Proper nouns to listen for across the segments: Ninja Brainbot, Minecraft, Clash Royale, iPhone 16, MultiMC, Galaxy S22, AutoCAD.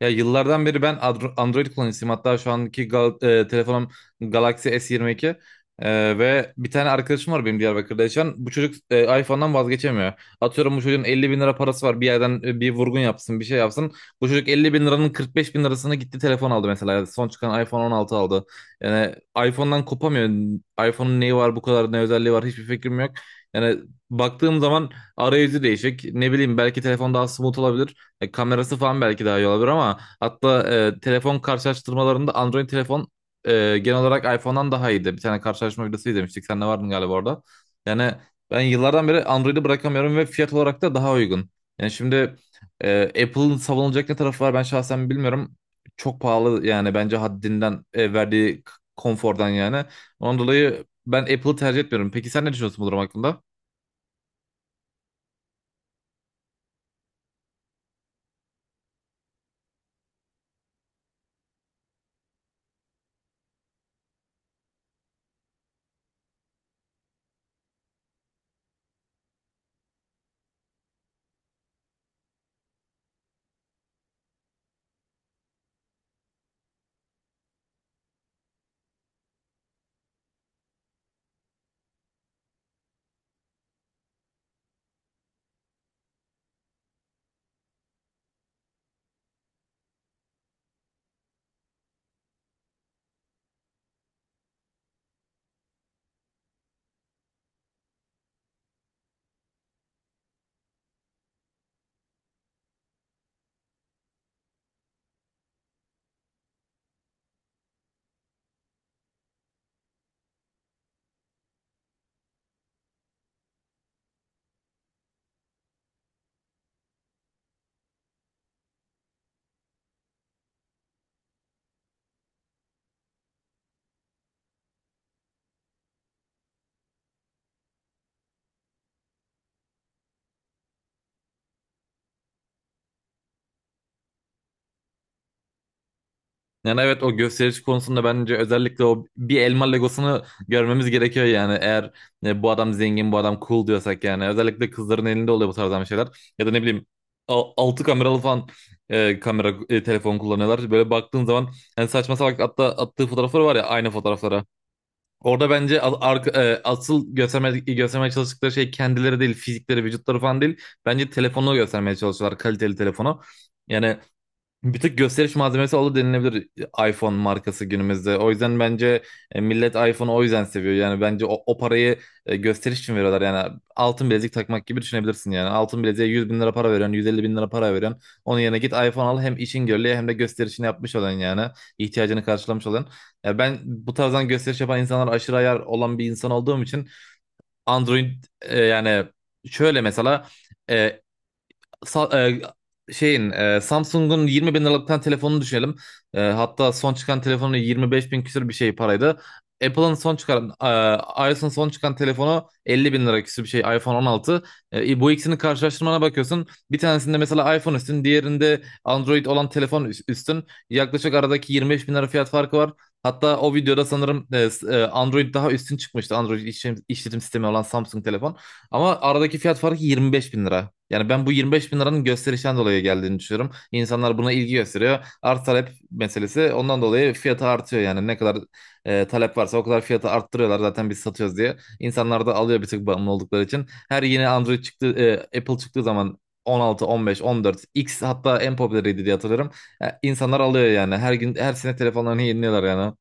Ya yıllardan beri ben Android kullanıcısıyım. Hatta şu anki telefonum Galaxy S22. Ve bir tane arkadaşım var benim Diyarbakır'da yaşayan. Bu çocuk iPhone'dan vazgeçemiyor. Atıyorum bu çocuğun 50 bin lira parası var. Bir yerden bir vurgun yapsın, bir şey yapsın. Bu çocuk 50 bin liranın 45 bin lirasını gitti telefon aldı mesela. Yani son çıkan iPhone 16 aldı. Yani iPhone'dan kopamıyor. iPhone'un neyi var, bu kadar ne özelliği var, hiçbir fikrim yok. Yani baktığım zaman arayüzü değişik. Ne bileyim, belki telefon daha smooth olabilir. Kamerası falan belki daha iyi olabilir ama hatta telefon karşılaştırmalarında Android telefon genel olarak iPhone'dan daha iyiydi. Bir tane karşılaştırma videosu izlemiştik. Sen de vardın galiba orada. Yani ben yıllardan beri Android'i bırakamıyorum ve fiyat olarak da daha uygun. Yani şimdi Apple'ın savunulacak ne tarafı var, ben şahsen bilmiyorum. Çok pahalı yani, bence haddinden verdiği konfordan yani. Ondan dolayı ben Apple'ı tercih etmiyorum. Peki sen ne düşünüyorsun bu durum hakkında? Yani evet, o gösteriş konusunda bence özellikle o bir elma Legosunu görmemiz gerekiyor yani. Eğer bu adam zengin, bu adam cool diyorsak yani. Özellikle kızların elinde oluyor bu tarzdan şeyler. Ya da ne bileyim, altı kameralı falan kamera telefon kullanıyorlar. Böyle baktığın zaman yani saçma salak, hatta attığı fotoğrafları var ya, aynı fotoğraflara. Orada bence asıl göstermeye çalıştıkları şey kendileri değil, fizikleri, vücutları falan değil. Bence telefonu göstermeye çalışıyorlar, kaliteli telefonu. Yani bir tık gösteriş malzemesi oldu denilebilir iPhone markası günümüzde. O yüzden bence millet iPhone'u o yüzden seviyor. Yani bence o parayı gösteriş için veriyorlar. Yani altın bilezik takmak gibi düşünebilirsin yani. Altın bileziğe 100 bin lira para veriyorsun, 150 bin lira para veriyorsun. Onun yerine git iPhone al, hem işin görülüyor hem de gösterişini yapmış olan yani. İhtiyacını karşılamış olan. Ya ben bu tarzdan gösteriş yapan insanlar aşırı ayar olan bir insan olduğum için Android, yani şöyle mesela, e, Sa- e, şeyin, Samsung'un 20 bin liralıktan telefonunu düşünelim. Hatta son çıkan telefonu 25 bin küsür bir şey paraydı. Apple'ın son çıkan e, iOS'un son çıkan telefonu 50 bin lira küsür bir şey, iPhone 16. Bu ikisini karşılaştırmana bakıyorsun. Bir tanesinde mesela iPhone üstün, diğerinde Android olan telefon üstün. Yaklaşık aradaki 25 bin lira fiyat farkı var. Hatta o videoda sanırım Android daha üstün çıkmıştı. Android işletim sistemi olan Samsung telefon. Ama aradaki fiyat farkı 25 bin lira. Yani ben bu 25 bin liranın gösterişten dolayı geldiğini düşünüyorum. İnsanlar buna ilgi gösteriyor. Arz talep meselesi, ondan dolayı fiyatı artıyor. Yani ne kadar talep varsa o kadar fiyatı arttırıyorlar, zaten biz satıyoruz diye. İnsanlar da alıyor, bir tık bağımlı oldukları için. Her yeni Android çıktı, Apple çıktığı zaman 16, 15, 14, X hatta en popüleriydi diye hatırlarım. İnsanlar alıyor yani. Her gün, her sene telefonlarını yeniliyorlar yani.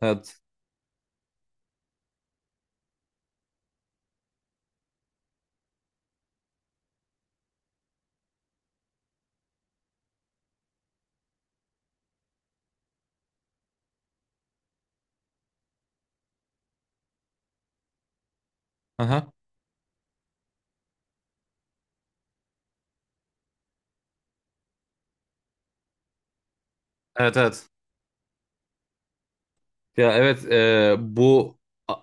Evet. Aha. Evet, evet. Ya evet, bu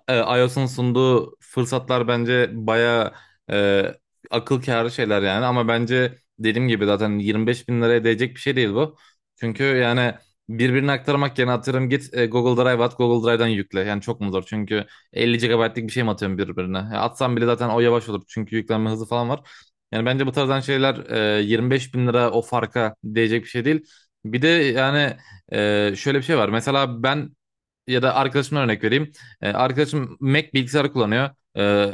iOS'un sunduğu fırsatlar bence baya e, akıl kârı şeyler yani, ama bence dediğim gibi zaten 25 bin liraya değecek bir şey değil bu. Çünkü yani birbirine aktarmak yerine atıyorum git Google Drive at, Google Drive'dan yükle. Yani çok mu zor? Çünkü 50 GB'lik bir şey mi atıyorum birbirine? Ya atsam bile zaten o yavaş olur, çünkü yüklenme hızı falan var. Yani bence bu tarzdan şeyler 25 bin lira o farka değecek bir şey değil. Bir de yani şöyle bir şey var. Mesela ben, ya da arkadaşımdan örnek vereyim. Arkadaşım Mac bilgisayarı kullanıyor. Ee,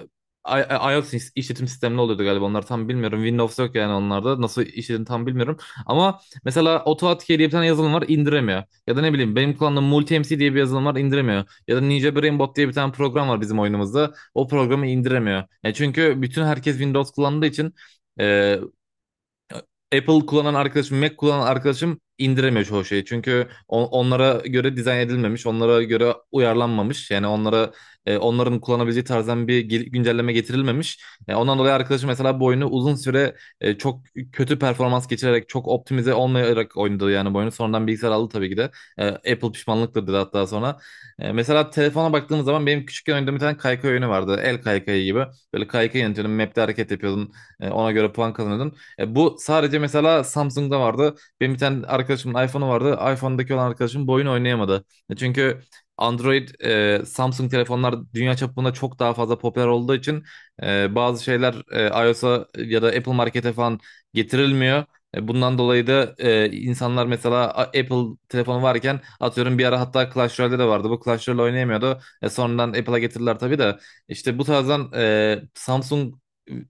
I- iOS işletim sistemli oluyordu galiba onlar, tam bilmiyorum. Windows yok yani onlarda. Nasıl işletim, tam bilmiyorum. Ama mesela AutoAutoCAD diye bir tane yazılım var, indiremiyor. Ya da ne bileyim, benim kullandığım MultiMC diye bir yazılım var, indiremiyor. Ya da Ninja Brainbot diye bir tane program var bizim oyunumuzda. O programı indiremiyor. Yani çünkü bütün herkes Windows kullandığı için e, Apple kullanan arkadaşım, Mac kullanan arkadaşım indiremiyor çoğu şeyi. Çünkü onlara göre dizayn edilmemiş, onlara göre uyarlanmamış. Yani onların kullanabileceği tarzdan bir güncelleme getirilmemiş. Ondan dolayı arkadaşım mesela bu oyunu uzun süre çok kötü performans geçirerek, çok optimize olmayarak oynadı yani bu oyunu. Sonradan bilgisayar aldı tabii ki de. Apple pişmanlıktır dedi hatta sonra. Mesela telefona baktığımız zaman, benim küçükken oynadığım bir tane kaykay oyunu vardı. El kaykayı gibi. Böyle kaykay yönetiyordun, map'te hareket yapıyordun. Ona göre puan kazanıyordun. Bu sadece mesela Samsung'da vardı. Benim bir tane arkadaşımın iPhone'u vardı. iPhone'daki olan arkadaşım bu oyunu oynayamadı. Çünkü Android, Samsung telefonlar dünya çapında çok daha fazla popüler olduğu için bazı şeyler iOS'a ya da Apple Market'e falan getirilmiyor. Bundan dolayı da insanlar mesela, Apple telefonu varken atıyorum, bir ara hatta Clash Royale'de de vardı. Bu Clash Royale oynayamıyordu. Sonradan Apple'a getirdiler tabii de. İşte bu tarzdan, e, Samsung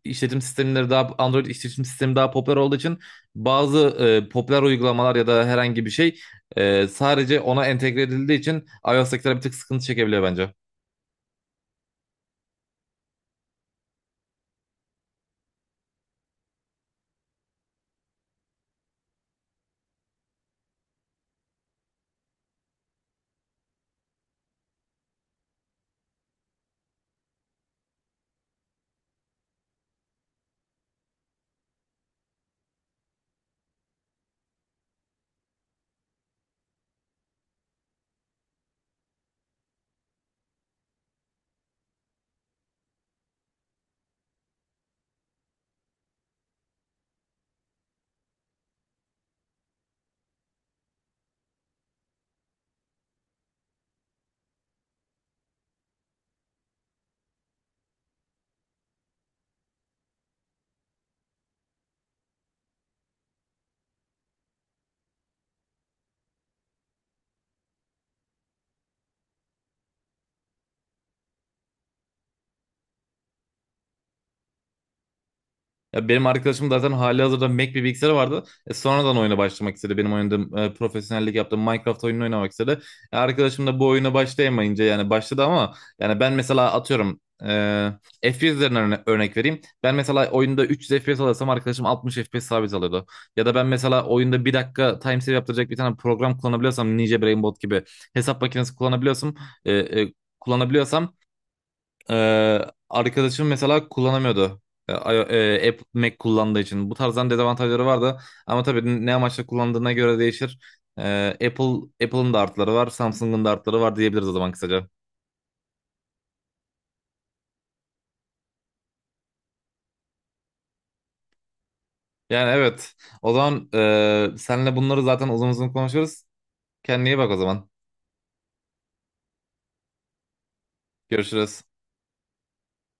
işletim sistemleri daha Android işletim sistemi daha popüler olduğu için bazı popüler uygulamalar ya da herhangi bir şey sadece ona entegre edildiği için iOS'takiler bir tık sıkıntı çekebiliyor bence. Ya benim arkadaşım zaten halihazırda Mac bir bilgisayarı vardı. Sonradan oyuna başlamak istedi. Benim oynadığım, profesyonellik yaptığım Minecraft oyununu oynamak istedi. Arkadaşım da bu oyuna başlayamayınca, yani başladı ama, yani ben mesela atıyorum FPS üzerinden örnek vereyim. Ben mesela oyunda 300 FPS alırsam arkadaşım 60 FPS sabit alıyordu. Ya da ben mesela oyunda bir dakika time save yaptıracak bir tane program kullanabiliyorsam, Ninja Brainbot gibi hesap makinesi e, e, kullanabiliyorsam ee, arkadaşım mesela kullanamıyordu. Ee, I- Apple Mac kullandığı için. Bu tarzdan dezavantajları vardı. Ama tabii ne amaçla kullandığına göre değişir. Ee, Apple Apple'ın da artıları var, Samsung'un da artıları var diyebiliriz o zaman kısaca. Yani evet. O zaman senle bunları zaten uzun uzun konuşuruz. Kendine iyi bak o zaman. Görüşürüz.